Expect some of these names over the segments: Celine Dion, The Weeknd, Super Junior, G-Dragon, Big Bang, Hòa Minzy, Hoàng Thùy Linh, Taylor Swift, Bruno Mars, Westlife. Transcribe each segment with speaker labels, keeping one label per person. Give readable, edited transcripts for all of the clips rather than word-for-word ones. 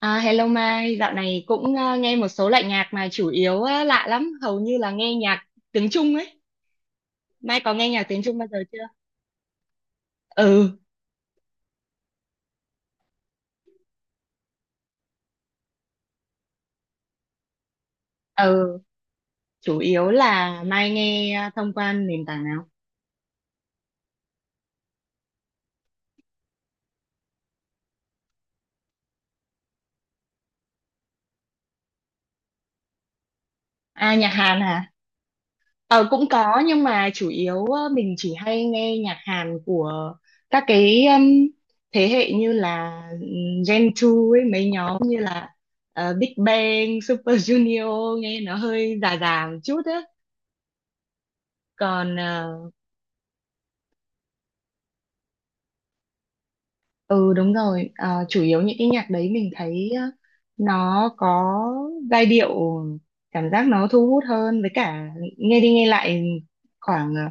Speaker 1: À, hello Mai, dạo này cũng nghe một số loại nhạc mà chủ yếu á, lạ lắm, hầu như là nghe nhạc tiếng Trung ấy. Mai có nghe nhạc tiếng Trung bao giờ chưa? Ừ, ừ, chủ yếu là Mai nghe thông qua nền tảng nào? À, nhạc Hàn hả? Ờ, cũng có nhưng mà chủ yếu mình chỉ hay nghe nhạc Hàn của các cái thế hệ như là Gen 2 ấy, mấy nhóm như là Big Bang, Super Junior nghe nó hơi già già một chút á. còn ờ, Ừ đúng rồi, à, chủ yếu những cái nhạc đấy mình thấy nó có giai điệu, cảm giác nó thu hút hơn, với cả nghe đi nghe lại khoảng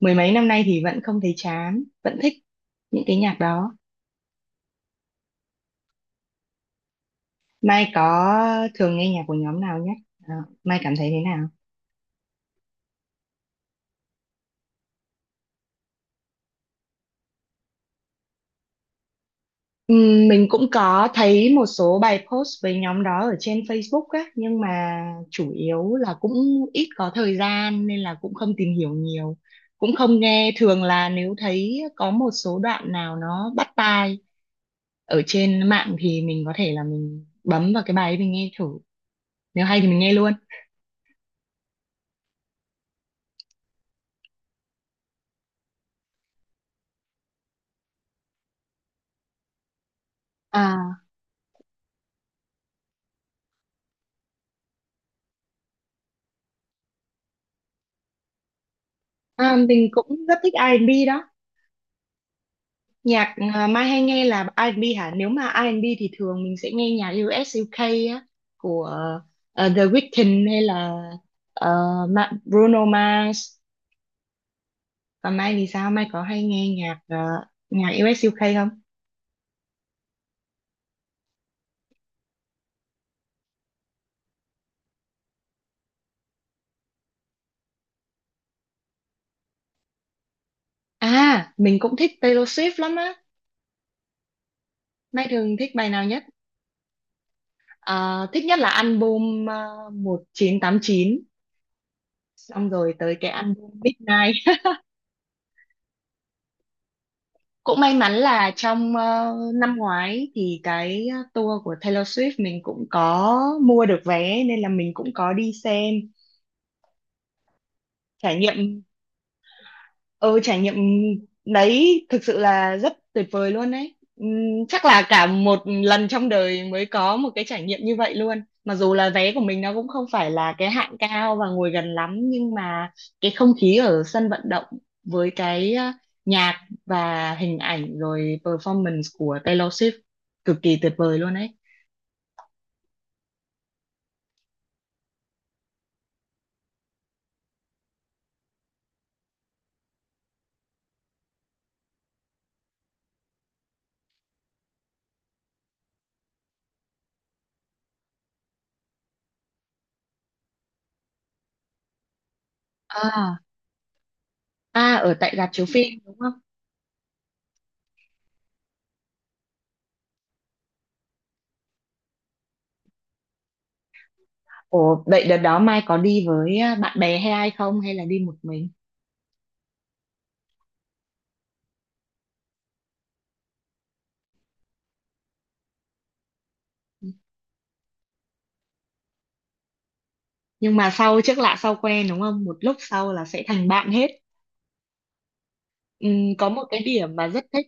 Speaker 1: mười mấy năm nay thì vẫn không thấy chán, vẫn thích những cái nhạc đó. Mai có thường nghe nhạc của nhóm nào nhé? Ờ, Mai cảm thấy thế nào? Mình cũng có thấy một số bài post với nhóm đó ở trên Facebook á, nhưng mà chủ yếu là cũng ít có thời gian nên là cũng không tìm hiểu nhiều, cũng không nghe. Thường là nếu thấy có một số đoạn nào nó bắt tai ở trên mạng thì mình có thể là mình bấm vào cái bài ấy mình nghe thử. Nếu hay thì mình nghe luôn. À, à mình cũng rất thích R&B đó. Nhạc à, Mai hay nghe là R&B hả? Nếu mà R&B thì thường mình sẽ nghe nhạc US UK á, của The Weeknd hay là ờ, Bruno Mars. Còn Mai thì sao? Mai có hay nghe nhạc US UK không? À, mình cũng thích Taylor Swift lắm á. Mai thường thích bài nào nhất? Ờ, thích nhất là album 1989, xong rồi tới cái album Midnight. Cũng may mắn là trong năm ngoái thì cái tour của Taylor Swift mình cũng có mua được vé nên là mình cũng có đi xem, trải nghiệm. Ừ trải nghiệm đấy thực sự là rất tuyệt vời luôn đấy. Chắc là cả một lần trong đời mới có một cái trải nghiệm như vậy luôn, mặc dù là vé của mình nó cũng không phải là cái hạng cao và ngồi gần lắm, nhưng mà cái không khí ở sân vận động với cái nhạc và hình ảnh rồi performance của Taylor Swift cực kỳ tuyệt vời luôn đấy. À, à ở tại rạp chiếu phim đúng không? Ồ, vậy đợt đó Mai có đi với bạn bè hay ai không, hay là đi một mình? Nhưng mà sau, trước lạ sau quen đúng không, một lúc sau là sẽ thành bạn hết. Có một cái điểm mà rất thích.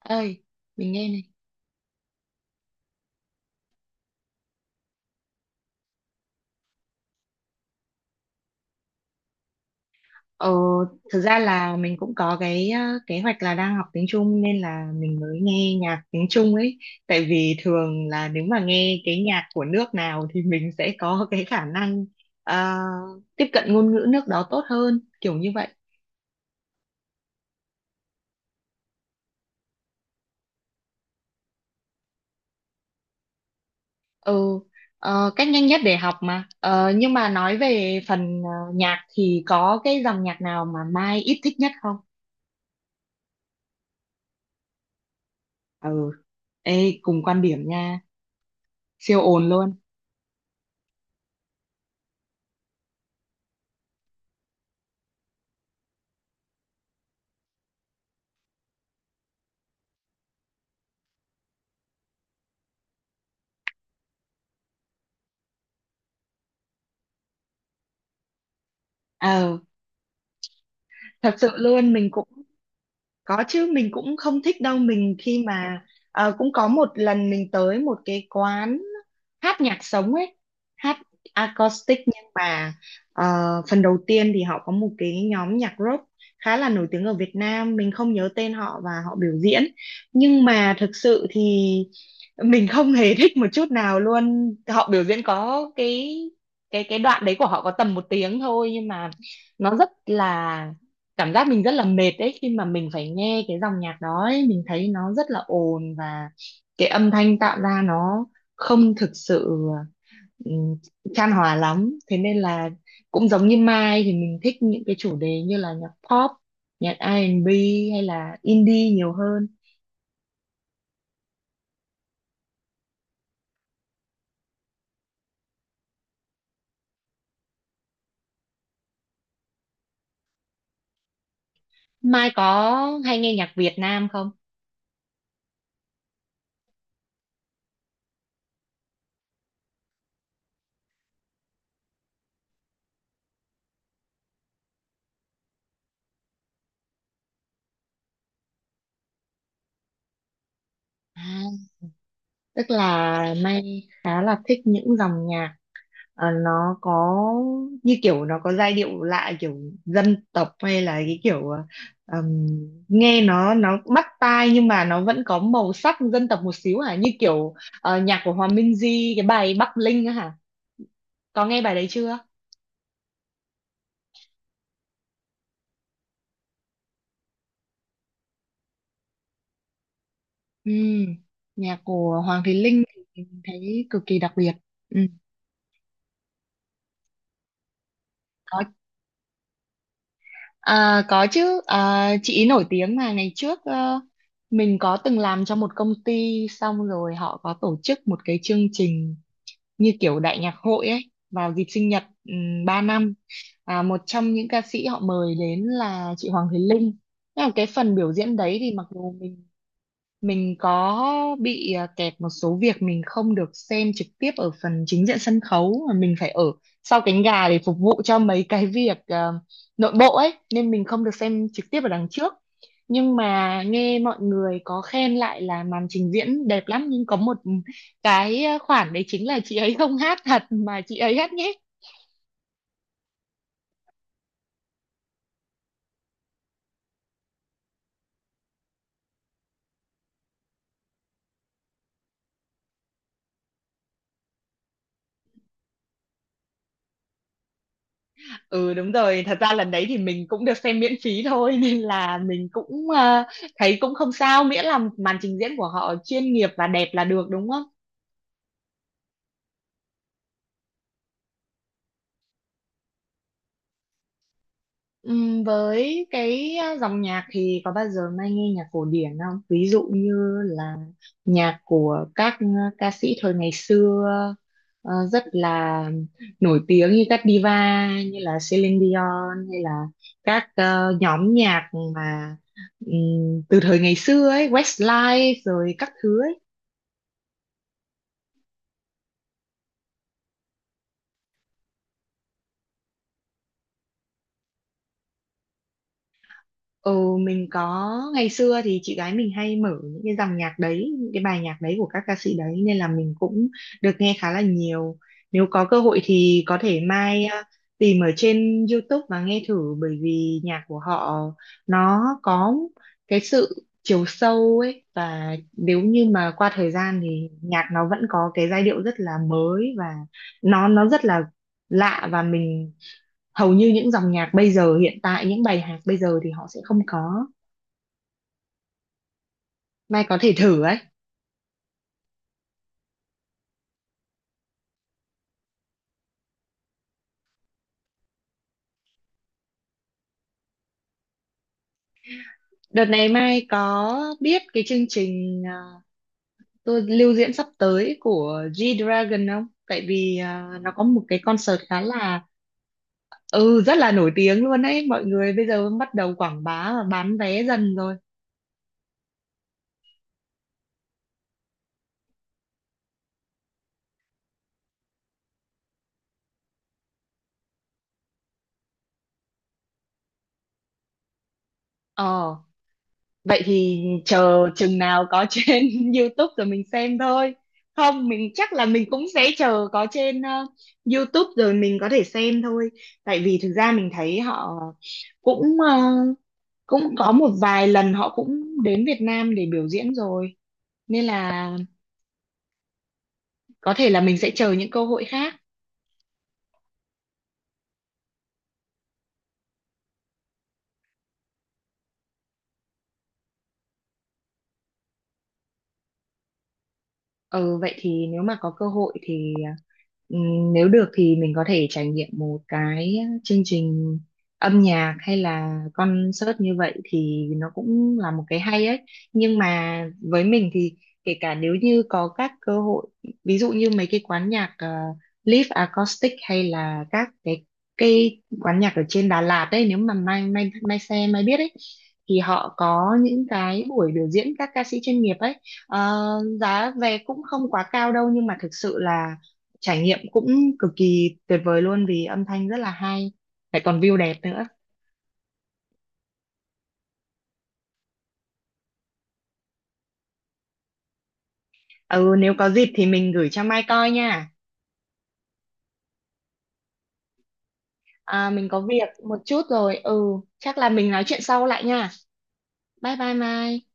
Speaker 1: Ơi, mình nghe này. Ờ, thực ra là mình cũng có cái kế hoạch là đang học tiếng Trung nên là mình mới nghe nhạc tiếng Trung ấy, tại vì thường là nếu mà nghe cái nhạc của nước nào thì mình sẽ có cái khả năng ờ, tiếp cận ngôn ngữ nước đó tốt hơn, kiểu như vậy. Ừ, cách nhanh nhất để học mà. Ờ, nhưng mà nói về phần nhạc thì có cái dòng nhạc nào mà Mai ít thích nhất không? Ừ, ê, cùng quan điểm nha, siêu ồn luôn. Ờ, thật sự luôn, mình cũng có chứ, mình cũng không thích đâu. Mình khi mà cũng có một lần mình tới một cái quán hát nhạc sống ấy, hát acoustic, nhưng mà ờ, phần đầu tiên thì họ có một cái nhóm nhạc rock khá là nổi tiếng ở Việt Nam, mình không nhớ tên họ, và họ biểu diễn nhưng mà thực sự thì mình không hề thích một chút nào luôn. Họ biểu diễn có cái, cái đoạn đấy của họ có tầm một tiếng thôi nhưng mà nó rất là, cảm giác mình rất là mệt đấy khi mà mình phải nghe cái dòng nhạc đó ấy. Mình thấy nó rất là ồn, và cái âm thanh tạo ra nó không thực sự ừm, chan hòa lắm, thế nên là cũng giống như Mai, thì mình thích những cái chủ đề như là nhạc pop, nhạc R&B hay là indie nhiều hơn. Mai có hay nghe nhạc Việt Nam không? À, tức là Mai khá là thích những dòng nhạc, ờ, nó có như kiểu, nó có giai điệu lạ, kiểu dân tộc, hay là cái kiểu ừm, nghe nó bắt tai nhưng mà nó vẫn có màu sắc dân tộc một xíu hả, như kiểu nhạc của Hòa Minzy cái bài Bắc Linh á hả, có nghe bài đấy chưa? Ừ, nhạc của Hoàng Thùy Linh thì mình thấy cực kỳ đặc biệt. Ừ. Có. À, có chứ, à, chị ý nổi tiếng mà. Ngày trước mình có từng làm cho một công ty, xong rồi họ có tổ chức một cái chương trình như kiểu đại nhạc hội ấy vào dịp sinh nhật 3 năm. À, một trong những ca sĩ họ mời đến là chị Hoàng Thùy Linh. Thế là cái phần biểu diễn đấy thì mặc dù mình có bị à, kẹt một số việc, mình không được xem trực tiếp ở phần chính diện sân khấu mà mình phải ở sau cánh gà để phục vụ cho mấy cái việc nội bộ ấy, nên mình không được xem trực tiếp ở đằng trước. Nhưng mà nghe mọi người có khen lại là màn trình diễn đẹp lắm, nhưng có một cái khoản đấy chính là chị ấy không hát thật mà chị ấy hát nhép. Ừ đúng rồi, thật ra lần đấy thì mình cũng được xem miễn phí thôi nên là mình cũng thấy cũng không sao, miễn là màn trình diễn của họ chuyên nghiệp và đẹp là được đúng không? Với cái dòng nhạc thì có bao giờ Mai nghe nhạc cổ điển không? Ví dụ như là nhạc của các ca sĩ thời ngày xưa rất là nổi tiếng, như các diva như là Celine Dion, hay là các nhóm nhạc mà từ thời ngày xưa ấy, Westlife rồi các thứ ấy. Ừ, mình có. Ngày xưa thì chị gái mình hay mở những cái dòng nhạc đấy, những cái bài nhạc đấy của các ca sĩ đấy, nên là mình cũng được nghe khá là nhiều. Nếu có cơ hội thì có thể mai tìm ở trên YouTube và nghe thử, bởi vì nhạc của họ nó có cái sự chiều sâu ấy, và nếu như mà qua thời gian thì nhạc nó vẫn có cái giai điệu rất là mới, và nó rất là lạ. Và mình hầu như, những dòng nhạc bây giờ hiện tại, những bài hát bây giờ thì họ sẽ không có. Mai có thể thử ấy. Đợt này Mai có biết cái chương trình à, tôi lưu diễn sắp tới của G-Dragon không, tại vì à, nó có một cái concert khá là ừ rất là nổi tiếng luôn ấy, mọi người bây giờ bắt đầu quảng bá và bán vé dần rồi. Ờ, vậy thì chờ chừng nào có trên YouTube rồi mình xem thôi. Không, mình chắc là mình cũng sẽ chờ có trên YouTube rồi mình có thể xem thôi. Tại vì thực ra mình thấy họ cũng ờ, cũng có một vài lần họ cũng đến Việt Nam để biểu diễn rồi. Nên là có thể là mình sẽ chờ những cơ hội khác. Ừ, vậy thì nếu mà có cơ hội thì nếu được thì mình có thể trải nghiệm một cái chương trình âm nhạc hay là concert như vậy thì nó cũng là một cái hay ấy. Nhưng mà với mình thì kể cả nếu như có các cơ hội, ví dụ như mấy cái quán nhạc live acoustic hay là các cái quán nhạc ở trên Đà Lạt ấy, nếu mà mai mai mai xe mai biết ấy thì họ có những cái buổi biểu diễn các ca sĩ chuyên nghiệp ấy. Ờ, giá vé cũng không quá cao đâu nhưng mà thực sự là trải nghiệm cũng cực kỳ tuyệt vời luôn, vì âm thanh rất là hay, lại còn view đẹp nữa. Ừ, nếu có dịp thì mình gửi cho Mai coi nha. À, mình có việc một chút rồi, ừ chắc là mình nói chuyện sau lại nha. Bye bye Mai.